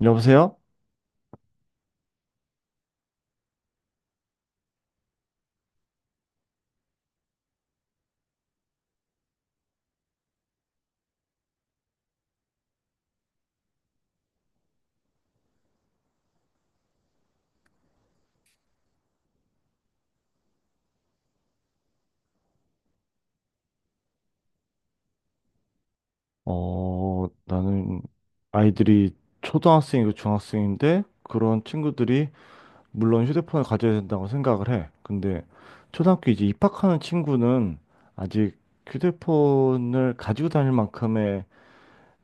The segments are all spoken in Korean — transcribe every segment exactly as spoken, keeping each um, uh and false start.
여보세요? 어, 나는 아이들이 초등학생이고 중학생인데 그런 친구들이 물론 휴대폰을 가져야 된다고 생각을 해. 근데 초등학교 이제 입학하는 친구는 아직 휴대폰을 가지고 다닐 만큼의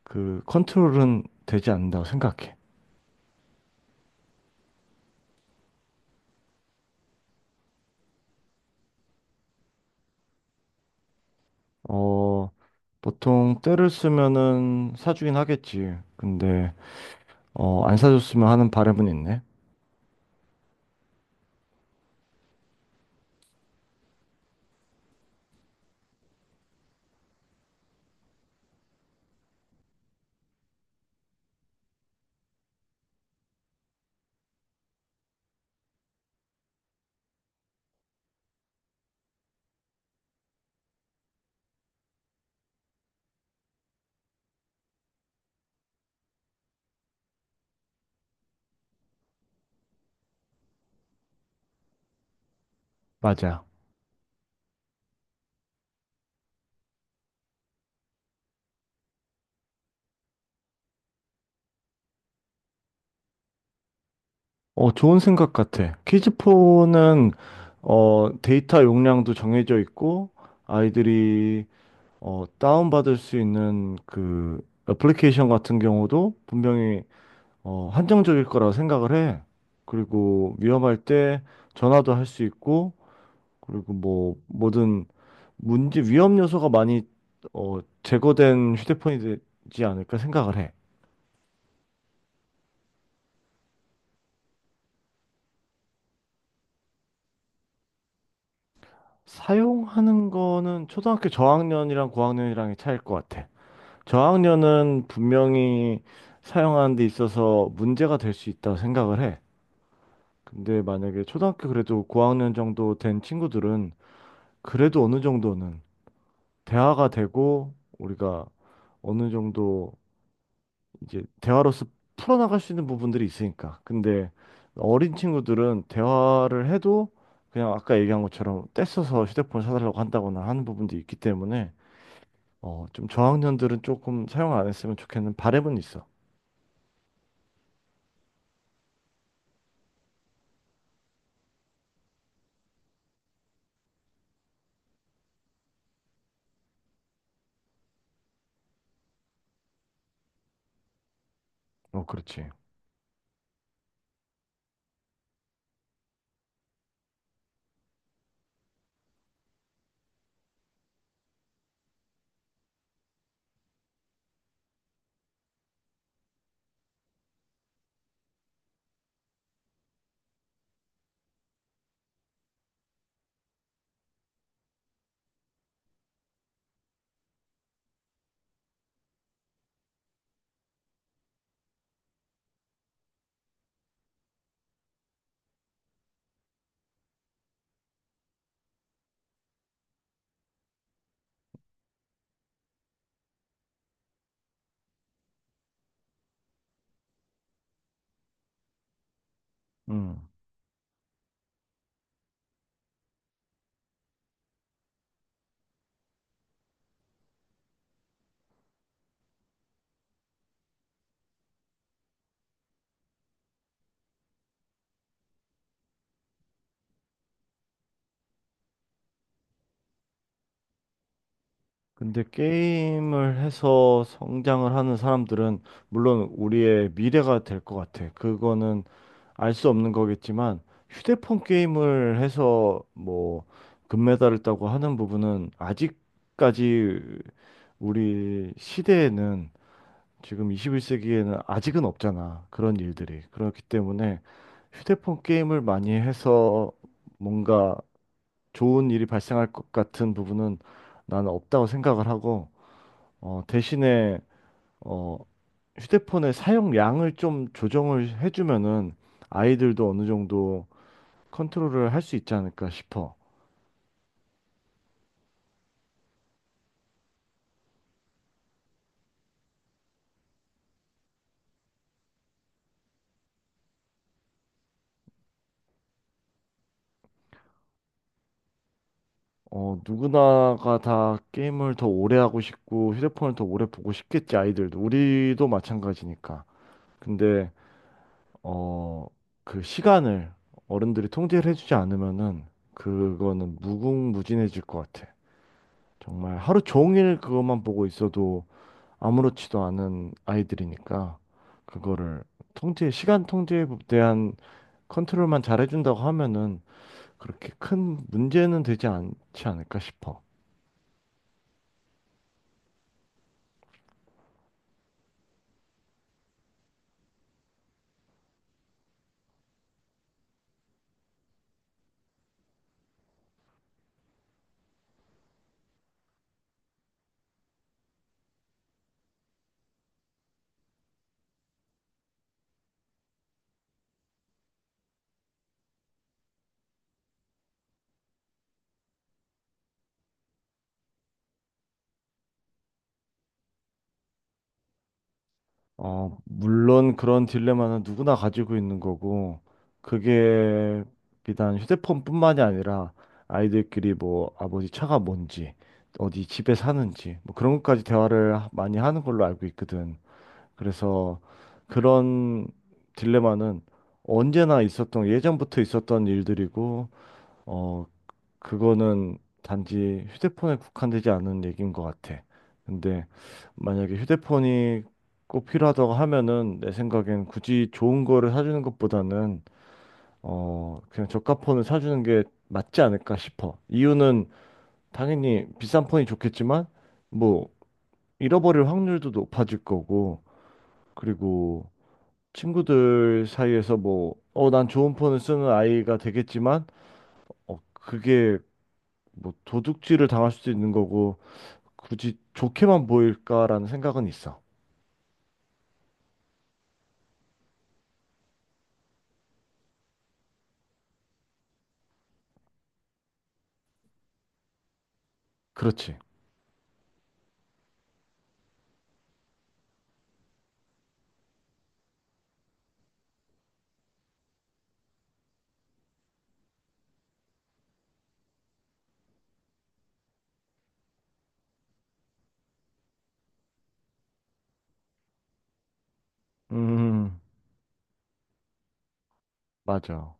그 컨트롤은 되지 않는다고 생각해. 어, 보통 때를 쓰면은 사주긴 하겠지. 근데 어, 안 사줬으면 하는 바람은 있네. 맞아. 어, 좋은 생각 같아. 키즈폰은 어, 데이터 용량도 정해져 있고 아이들이 어, 다운받을 수 있는 그 애플리케이션 같은 경우도 분명히 어, 한정적일 거라고 생각을 해. 그리고 위험할 때 전화도 할 수 있고 그리고 뭐 뭐든 문제 위험 요소가 많이 어, 제거된 휴대폰이 되지 않을까 생각을 해. 사용하는 거는 초등학교 저학년이랑 고학년이랑의 차이일 것 같아. 저학년은 분명히 사용하는 데 있어서 문제가 될 수 있다고 생각을 해. 근데 만약에 초등학교 그래도 고학년 정도 된 친구들은 그래도 어느 정도는 대화가 되고 우리가 어느 정도 이제 대화로서 풀어나갈 수 있는 부분들이 있으니까. 근데 어린 친구들은 대화를 해도 그냥 아까 얘기한 것처럼 떼써서 휴대폰 사달라고 한다거나 하는 부분도 있기 때문에 어, 좀 저학년들은 조금 사용 안 했으면 좋겠는 바램은 있어. 어, 그렇지. 음. 근데 게임을 해서 성장을 하는 사람들은 물론 우리의 미래가 될 것 같아. 그거는 알 수 없는 거겠지만 휴대폰 게임을 해서 뭐 금메달을 따고 하는 부분은 아직까지 우리 시대에는 지금 이십일 세기에는 아직은 없잖아. 그런 일들이. 그렇기 때문에 휴대폰 게임을 많이 해서 뭔가 좋은 일이 발생할 것 같은 부분은 나는 없다고 생각을 하고 어, 대신에 어, 휴대폰의 사용량을 좀 조정을 해주면은 아이들도 어느 정도 컨트롤을 할 수 있지 않을까 싶어. 어, 누구나가 다 게임을 더 오래 하고 싶고 휴대폰을 더 오래 보고 싶겠지 아이들도 우리도 마찬가지니까. 근데 어, 그 시간을 어른들이 통제를 해주지 않으면은 그거는 무궁무진해질 것 같아. 정말 하루 종일 그것만 보고 있어도 아무렇지도 않은 아이들이니까 그거를 통제, 시간 통제에 대한 컨트롤만 잘해준다고 하면은 그렇게 큰 문제는 되지 않지 않을까 싶어. 어, 물론 그런 딜레마는 누구나 가지고 있는 거고 그게 비단 휴대폰뿐만이 아니라 아이들끼리 뭐 아버지 차가 뭔지 어디 집에 사는지 뭐 그런 것까지 대화를 하- 많이 하는 걸로 알고 있거든. 그래서 그런 딜레마는 언제나 있었던, 예전부터 있었던 일들이고, 어, 그거는 단지 휴대폰에 국한되지 않은 얘기인 것 같아. 근데 만약에 휴대폰이 꼭 필요하다고 하면은 내 생각엔 굳이 좋은 거를 사주는 것보다는 어, 그냥 저가 폰을 사주는 게 맞지 않을까 싶어. 이유는 당연히 비싼 폰이 좋겠지만 뭐 잃어버릴 확률도 높아질 거고 그리고 친구들 사이에서 뭐, 어, 난 좋은 폰을 쓰는 아이가 되겠지만, 어, 그게 뭐 도둑질을 당할 수도 있는 거고, 굳이 좋게만 보일까라는 생각은 있어. 그렇지. 음, 맞아.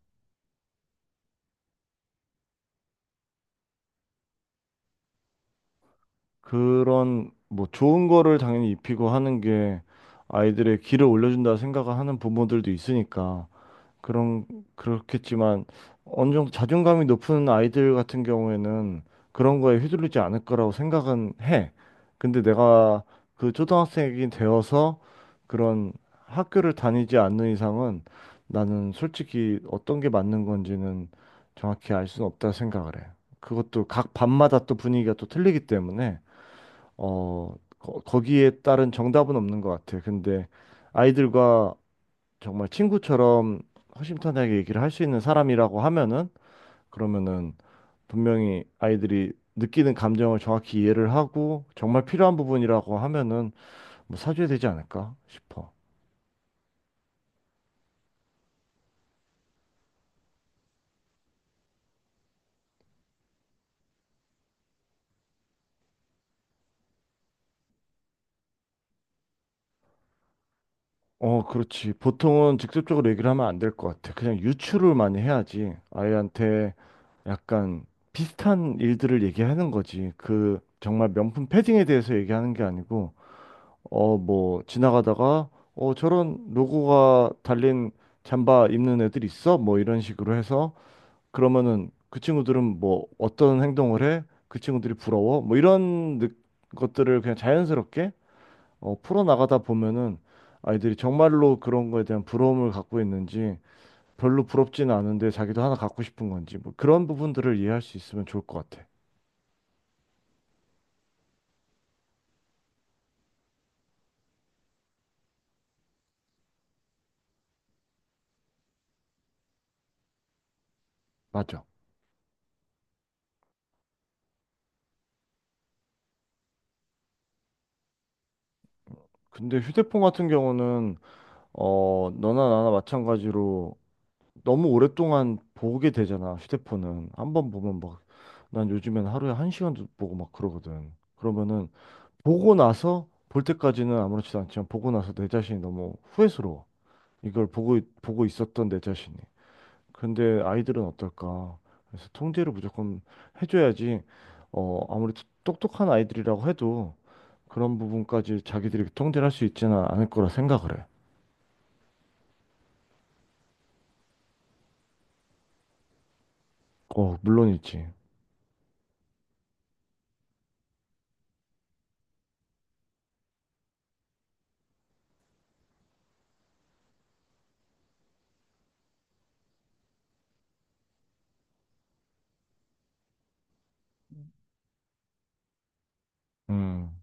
그런 뭐 좋은 거를 당연히 입히고 하는 게 아이들의 길을 올려준다 생각을 하는 부모들도 있으니까. 그런 그렇겠지만 어느 정도 자존감이 높은 아이들 같은 경우에는 그런 거에 휘둘리지 않을 거라고 생각은 해. 근데 내가 그 초등학생이 되어서 그런 학교를 다니지 않는 이상은 나는 솔직히 어떤 게 맞는 건지는 정확히 알 수는 없다 생각을 해. 그것도 각 반마다 또 분위기가 또 틀리기 때문에 어 거, 거기에 따른 정답은 없는 것 같아. 근데 아이들과 정말 친구처럼 허심탄회하게 얘기를 할 수 있는 사람이라고 하면은 그러면은 분명히 아이들이 느끼는 감정을 정확히 이해를 하고 정말 필요한 부분이라고 하면은 뭐 사줘야 되지 않을까 싶어. 어, 그렇지. 보통은 직접적으로 얘기를 하면 안 될 것 같아. 그냥 유추를 많이 해야지. 아이한테 약간 비슷한 일들을 얘기하는 거지. 그 정말 명품 패딩에 대해서 얘기하는 게 아니고 어, 뭐, 지나가다가, 어, 저런 로고가 달린 잠바 입는 애들 있어? 뭐, 이런 식으로 해서, 그러면은 그 친구들은 뭐, 어떤 행동을 해? 그 친구들이 부러워? 뭐, 이런 느- 것들을 그냥 자연스럽게, 어, 풀어나가다 보면은 아이들이 정말로 그런 거에 대한 부러움을 갖고 있는지, 별로 부럽지는 않은데 자기도 하나 갖고 싶은 건지, 뭐, 그런 부분들을 이해할 수 있으면 좋을 것 같아. 맞아. 근데 휴대폰 같은 경우는, 어, 너나 나나 마찬가지로 너무 오랫동안 보게 되잖아, 휴대폰은. 한 번 보면 막, 난 요즘엔 하루에 한 시간도 보고 막 그러거든. 그러면은, 보고 나서, 볼 때까지는 아무렇지도 않지만, 보고 나서 내 자신이 너무 후회스러워. 이걸 보고, 있- 보고 있었던 내 자신이. 근데 아이들은 어떨까? 그래서 통제를 무조건 해줘야지, 어, 아무리 똑똑한 아이들이라고 해도, 그런 부분까지 자기들이 통제를 할 수 있지는 않을 거라 생각을 해. 어, 물론이지. 음.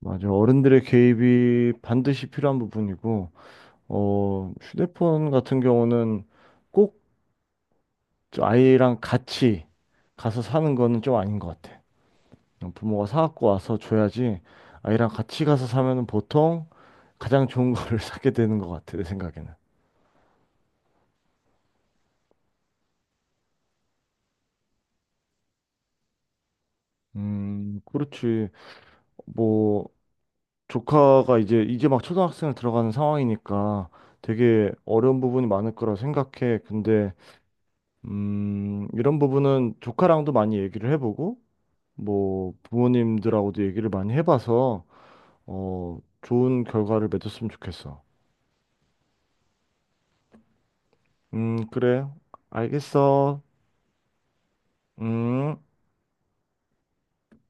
맞아. 어른들의 개입이 반드시 필요한 부분이고, 어, 휴대폰 같은 경우는 꼭 아이랑 같이 가서 사는 거는 좀 아닌 것 같아. 부모가 사갖고 와서 줘야지 아이랑 같이 가서 사면은 보통 가장 좋은 거를 사게 되는 것 같아, 내 생각에는. 음, 그렇지. 뭐, 조카가 이제, 이제 막 초등학생을 들어가는 상황이니까 되게 어려운 부분이 많을 거라 생각해. 근데 음, 이런 부분은 조카랑도 많이 얘기를 해보고, 뭐, 부모님들하고도 얘기를 많이 해봐서, 어, 좋은 결과를 맺었으면 좋겠어. 음, 그래. 알겠어. 음.